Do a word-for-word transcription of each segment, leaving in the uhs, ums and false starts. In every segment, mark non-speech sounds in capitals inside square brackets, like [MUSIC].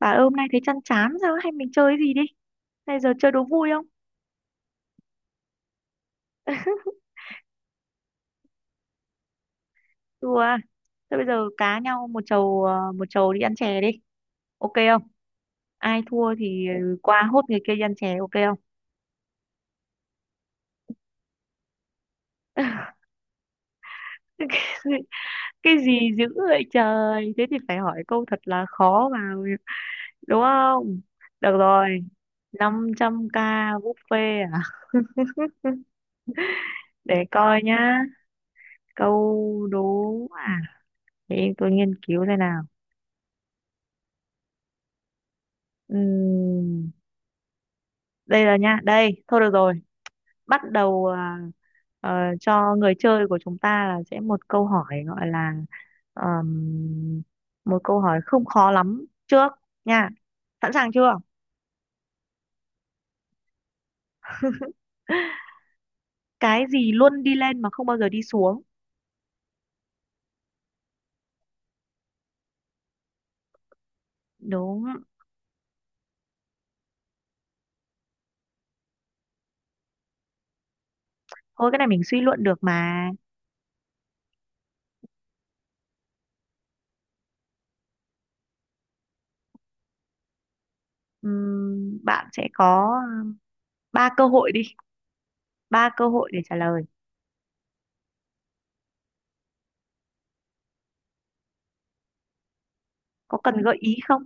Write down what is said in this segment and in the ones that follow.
Bà ơi, hôm nay thấy chăn chán sao ấy? Hay mình chơi cái gì đi. Bây giờ chơi đố vui không? Đùa à? Thôi bây giờ cá nhau một chầu ờ, một chầu đi ăn chè đi, ok không? Ai thua thì ừ, qua hốt người kia đi ăn chè, ok không? [LAUGHS] cái cái gì dữ vậy trời? Thế thì phải hỏi câu thật là khó vào, đúng không? Được rồi. năm trăm k buffet à? [LAUGHS] Để coi nhá. Câu đố à? Để tôi nghiên cứu thế nào. Ừm, Đây là nha, đây thôi, được rồi. Bắt đầu à, ờ, cho người chơi của chúng ta là sẽ một câu hỏi gọi là ờm, một câu hỏi không khó lắm trước nha. Sẵn sàng chưa? Cái gì luôn đi lên mà không bao giờ đi xuống? Đúng. Thôi, cái này mình suy luận được mà. Ừm, bạn sẽ có ừm, ba cơ hội đi ba cơ hội để trả lời. Có cần gợi ý không?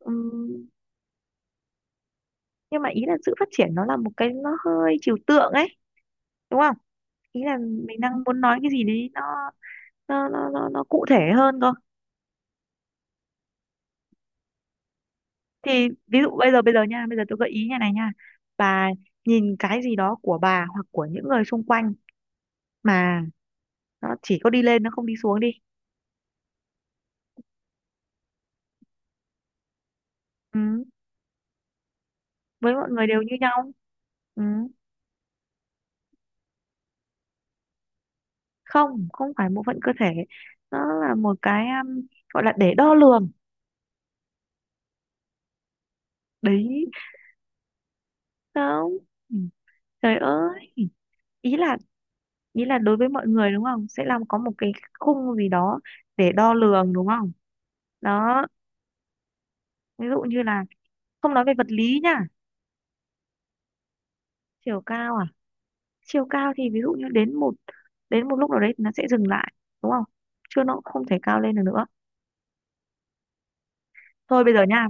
Ừm, nhưng mà ý là sự phát triển nó là một cái, nó hơi trừu tượng ấy, đúng không? Ý là mình đang muốn nói cái gì đấy, nó nó nó nó, nó cụ thể hơn cơ. Thì ví dụ bây giờ bây giờ nha bây giờ tôi gợi ý như này nha. Bà nhìn cái gì đó của bà hoặc của những người xung quanh mà nó chỉ có đi lên, nó không đi xuống đi. Ừ. Với mọi người đều như nhau. Ừ. Không, không phải bộ phận cơ thể. Nó là một cái um, gọi là để đo lường đấy. Không. Ừ. Trời ơi. Ý là ý là đối với mọi người, đúng không, sẽ làm có một cái khung gì đó để đo lường, đúng không? Đó. Ví dụ như là không nói về vật lý nha. Chiều cao à? Chiều cao thì ví dụ như đến một đến một lúc nào đấy thì nó sẽ dừng lại, đúng không? Chứ nó cũng không thể cao lên được nữa. Thôi bây giờ nha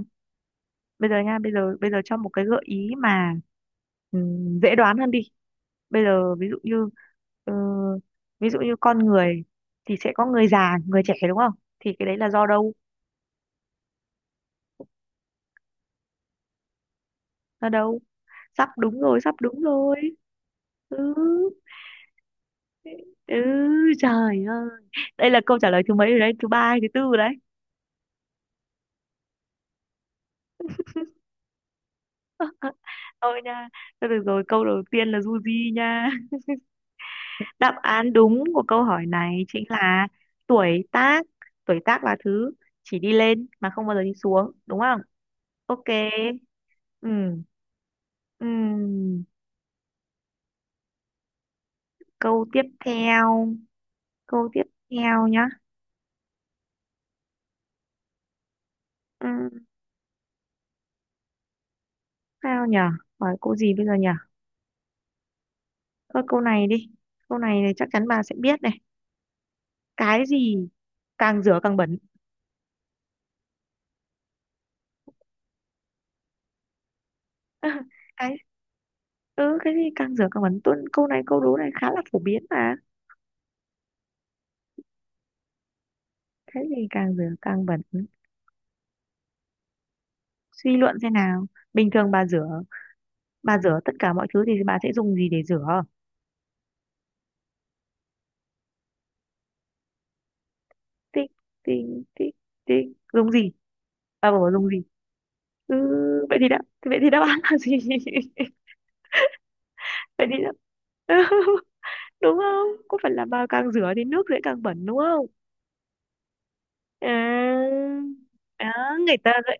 bây giờ nha bây giờ bây giờ cho một cái gợi ý mà ừm, dễ đoán hơn đi. Bây giờ ví dụ như ờ, ví dụ như con người thì sẽ có người già người trẻ, đúng không? Thì cái đấy là do đâu? Do đâu? Sắp đúng rồi, sắp đúng rồi. Ừ. Ừ. Trời ơi. Đây là câu trả lời thứ mấy rồi đấy? Thứ ba hay thứ tư rồi đấy. Thôi nha. Thôi được rồi, câu đầu tiên là du di nha. [LAUGHS] Đáp án đúng của câu hỏi này chính là tuổi tác. Tuổi tác là thứ chỉ đi lên mà không bao giờ đi xuống, đúng không? Ok. Ừ. Ừ. Câu tiếp theo. Câu tiếp theo nhá. Ừ. Sao nhở? Hỏi câu gì bây giờ nhở? Thôi câu này đi. Câu này, này chắc chắn bà sẽ biết này. Cái gì càng rửa càng bẩn? [LAUGHS] cái ừ, cái gì càng rửa càng bẩn? Tuân câu này, câu đố này khá là phổ biến mà. Thế thì càng rửa càng bẩn, suy luận xem nào. Bình thường bà rửa bà rửa tất cả mọi thứ thì bà sẽ dùng gì để rửa? Tinh tinh tinh tinh dùng gì? À, bà bảo dùng gì? Ừ. vậy thì đáp Vậy thì đáp án là gì? [LAUGHS] Vậy thì đáp... [LAUGHS] Đúng không, có phải là bà càng rửa thì nước sẽ càng bẩn, đúng không? À. À, người ta vậy.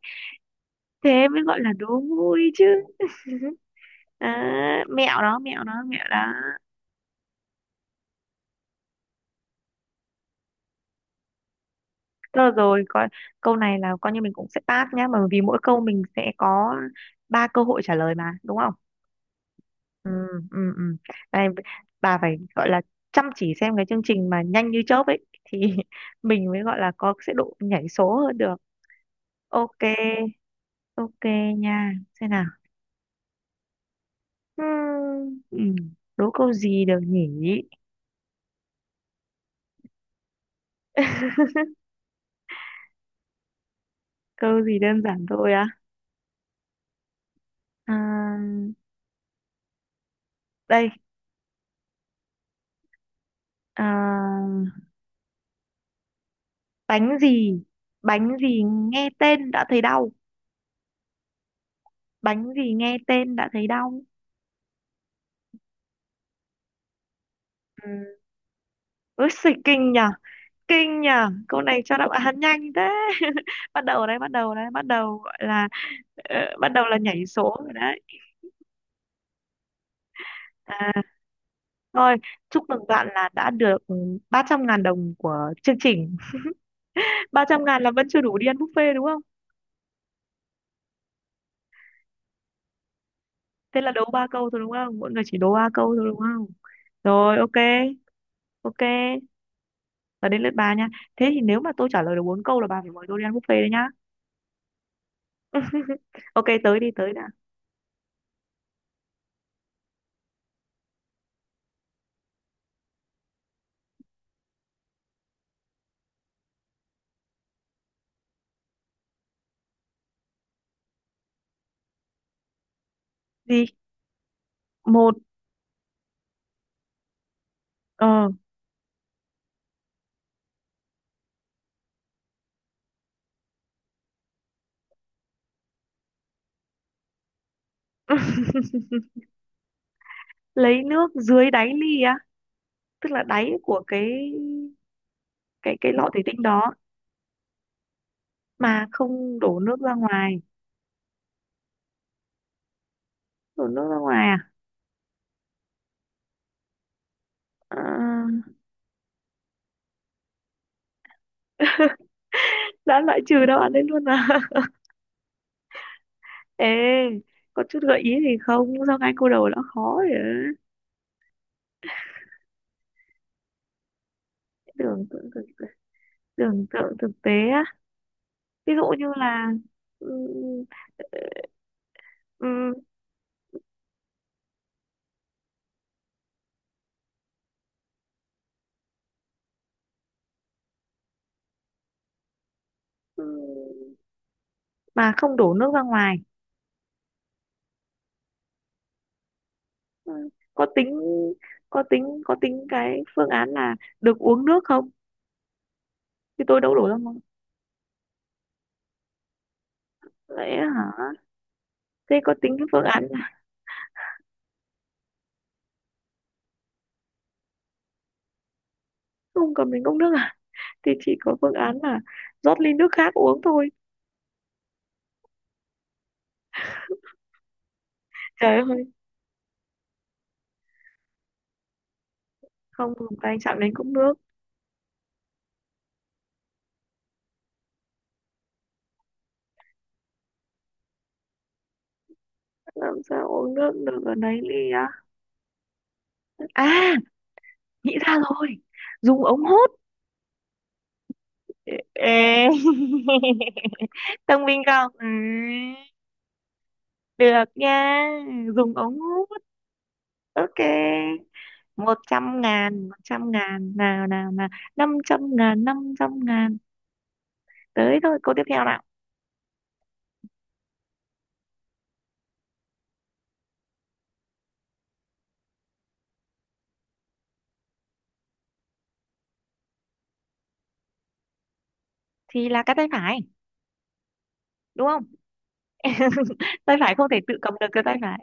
Thế mới gọi là đố vui chứ. [LAUGHS] À, mẹo đó, mẹo đó, mẹo đó. Rồi. Rồi coi. Câu này là coi như mình cũng sẽ pass nhá, bởi vì mỗi câu mình sẽ có ba cơ hội trả lời mà, đúng không? Ừ. Ừ. Ừ. Này, bà phải gọi là chăm chỉ xem cái chương trình mà nhanh như chớp ấy thì [LAUGHS] mình mới gọi là có sẽ độ nhảy số hơn được. Ok. Ok nha. Xem nào. Hmm, ừ, đố câu gì được nhỉ? [LAUGHS] Câu gì đơn giản thôi á? À, đây. À, bánh gì? Bánh gì nghe tên đã thấy đau? Bánh gì nghe tên đã thấy đau? Ừ. Ôi xì, kinh nhở. Kinh nhở, câu này cho đáp án nhanh thế. [LAUGHS] Bắt đầu đấy, bắt đầu đấy, bắt đầu gọi là ờ, bắt đầu là nhảy số rồi đấy. À, thôi, chúc mừng bạn là đã được ba trăm ngàn đồng của chương trình. [LAUGHS] Ba trăm ngàn là vẫn chưa đủ đi ăn buffet, đúng không? Thế là đố ba câu thôi đúng không? Mỗi người chỉ đố ba câu thôi, đúng không? Rồi. Ok. Ok, là đến lượt bà nha. Thế thì nếu mà tôi trả lời được bốn câu là bà phải mời tôi đi ăn buffet đấy nhá. [LAUGHS] Ok, tới đi, tới đã. Gì? Một? ờ lấy nước dưới đáy ly á? Tức là đáy của cái cái cái lọ thủy tinh đó mà không đổ nước ra ngoài, đổ nước ra ngoài à? Ờ. Đã loại trừ đáp án đấy luôn à? [LAUGHS] Ê, có chút gợi ý gì không, sao ngay câu đầu đã khó rồi á? tưởng tượng thực Tưởng tượng thực tế á, ví dụ như là ừm, ừm, ừm, mà không đổ nước ra ngoài. Ừ, có tính có tính có tính cái phương án là được uống nước không, thì tôi đâu đổ ra ngoài? Lẽ hả? Thế có tính cái phương án là [LAUGHS] không cầm đến cốc nước à? Thì chỉ có phương án là rót ly nước khác uống thôi. Trời ơi, không dùng tay chạm đến cốc nước, làm sao uống nước được ở đấy ly á? À, nghĩ ra rồi, dùng ống hút. Ê. [LAUGHS] Thông minh không? Ừ. Được nha, dùng ống hút. Ok. Một trăm ngàn, một trăm ngàn nào nào nào. Năm trăm ngàn, năm trăm ngàn. Tới thôi, câu tiếp theo nào. Thì là cái tay phải đúng không? Tay phải không thể tự cầm được cái tay phải.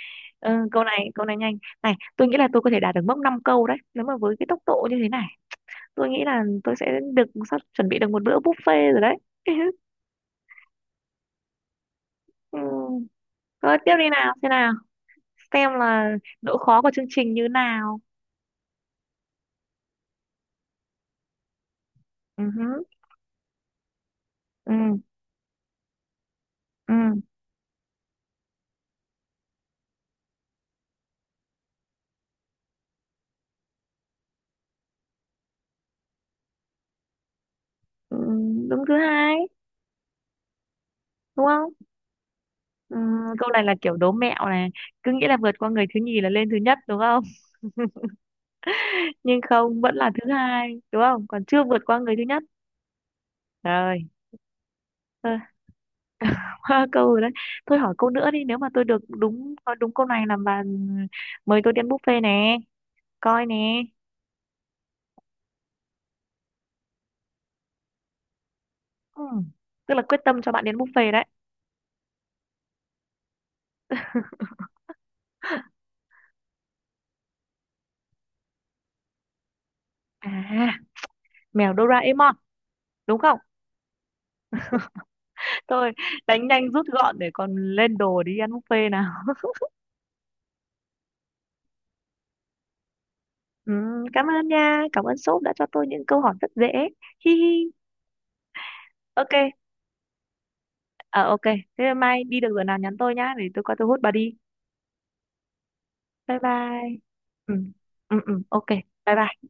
[LAUGHS] Ừ, câu này câu này nhanh. Này, tôi nghĩ là tôi có thể đạt được mốc năm câu đấy nếu mà với cái tốc độ như thế này tôi nghĩ là tôi sẽ được, sắp chuẩn bị được một bữa buffet rồi đấy. [LAUGHS] Ừ. Thôi tiếp đi nào, thế nào, xem là độ khó của chương trình như nào. Ừ. Hứ. Ừ. Ừ. Ừ, đứng thứ hai đúng không? Ừm, Câu này là kiểu đố mẹo này, cứ nghĩ là vượt qua người thứ nhì là lên thứ nhất đúng không? [LAUGHS] Nhưng không, vẫn là thứ hai đúng không, còn chưa vượt qua người thứ nhất. Rồi. Thôi, [LAUGHS] câu rồi đấy. Thôi hỏi câu nữa đi, nếu mà tôi được đúng nói đúng câu này là bà mời tôi đi ăn buffet nè. Coi nè. Ừm, Tức là quyết tâm cho bạn đến buffet đấy. À, mèo Doraemon đúng không? [LAUGHS] Thôi đánh nhanh rút gọn để còn lên đồ đi ăn buffet nào. [LAUGHS] Ừm, cảm ơn nha, cảm ơn shop đã cho tôi những câu hỏi rất dễ. [LAUGHS] Hi hi. Ok. Ờ ok, thế mai đi được rồi nào, nhắn tôi nhá để tôi qua tôi hút bà đi. Bye bye. Ừ. Ừ, ừ, ok. Bye bye.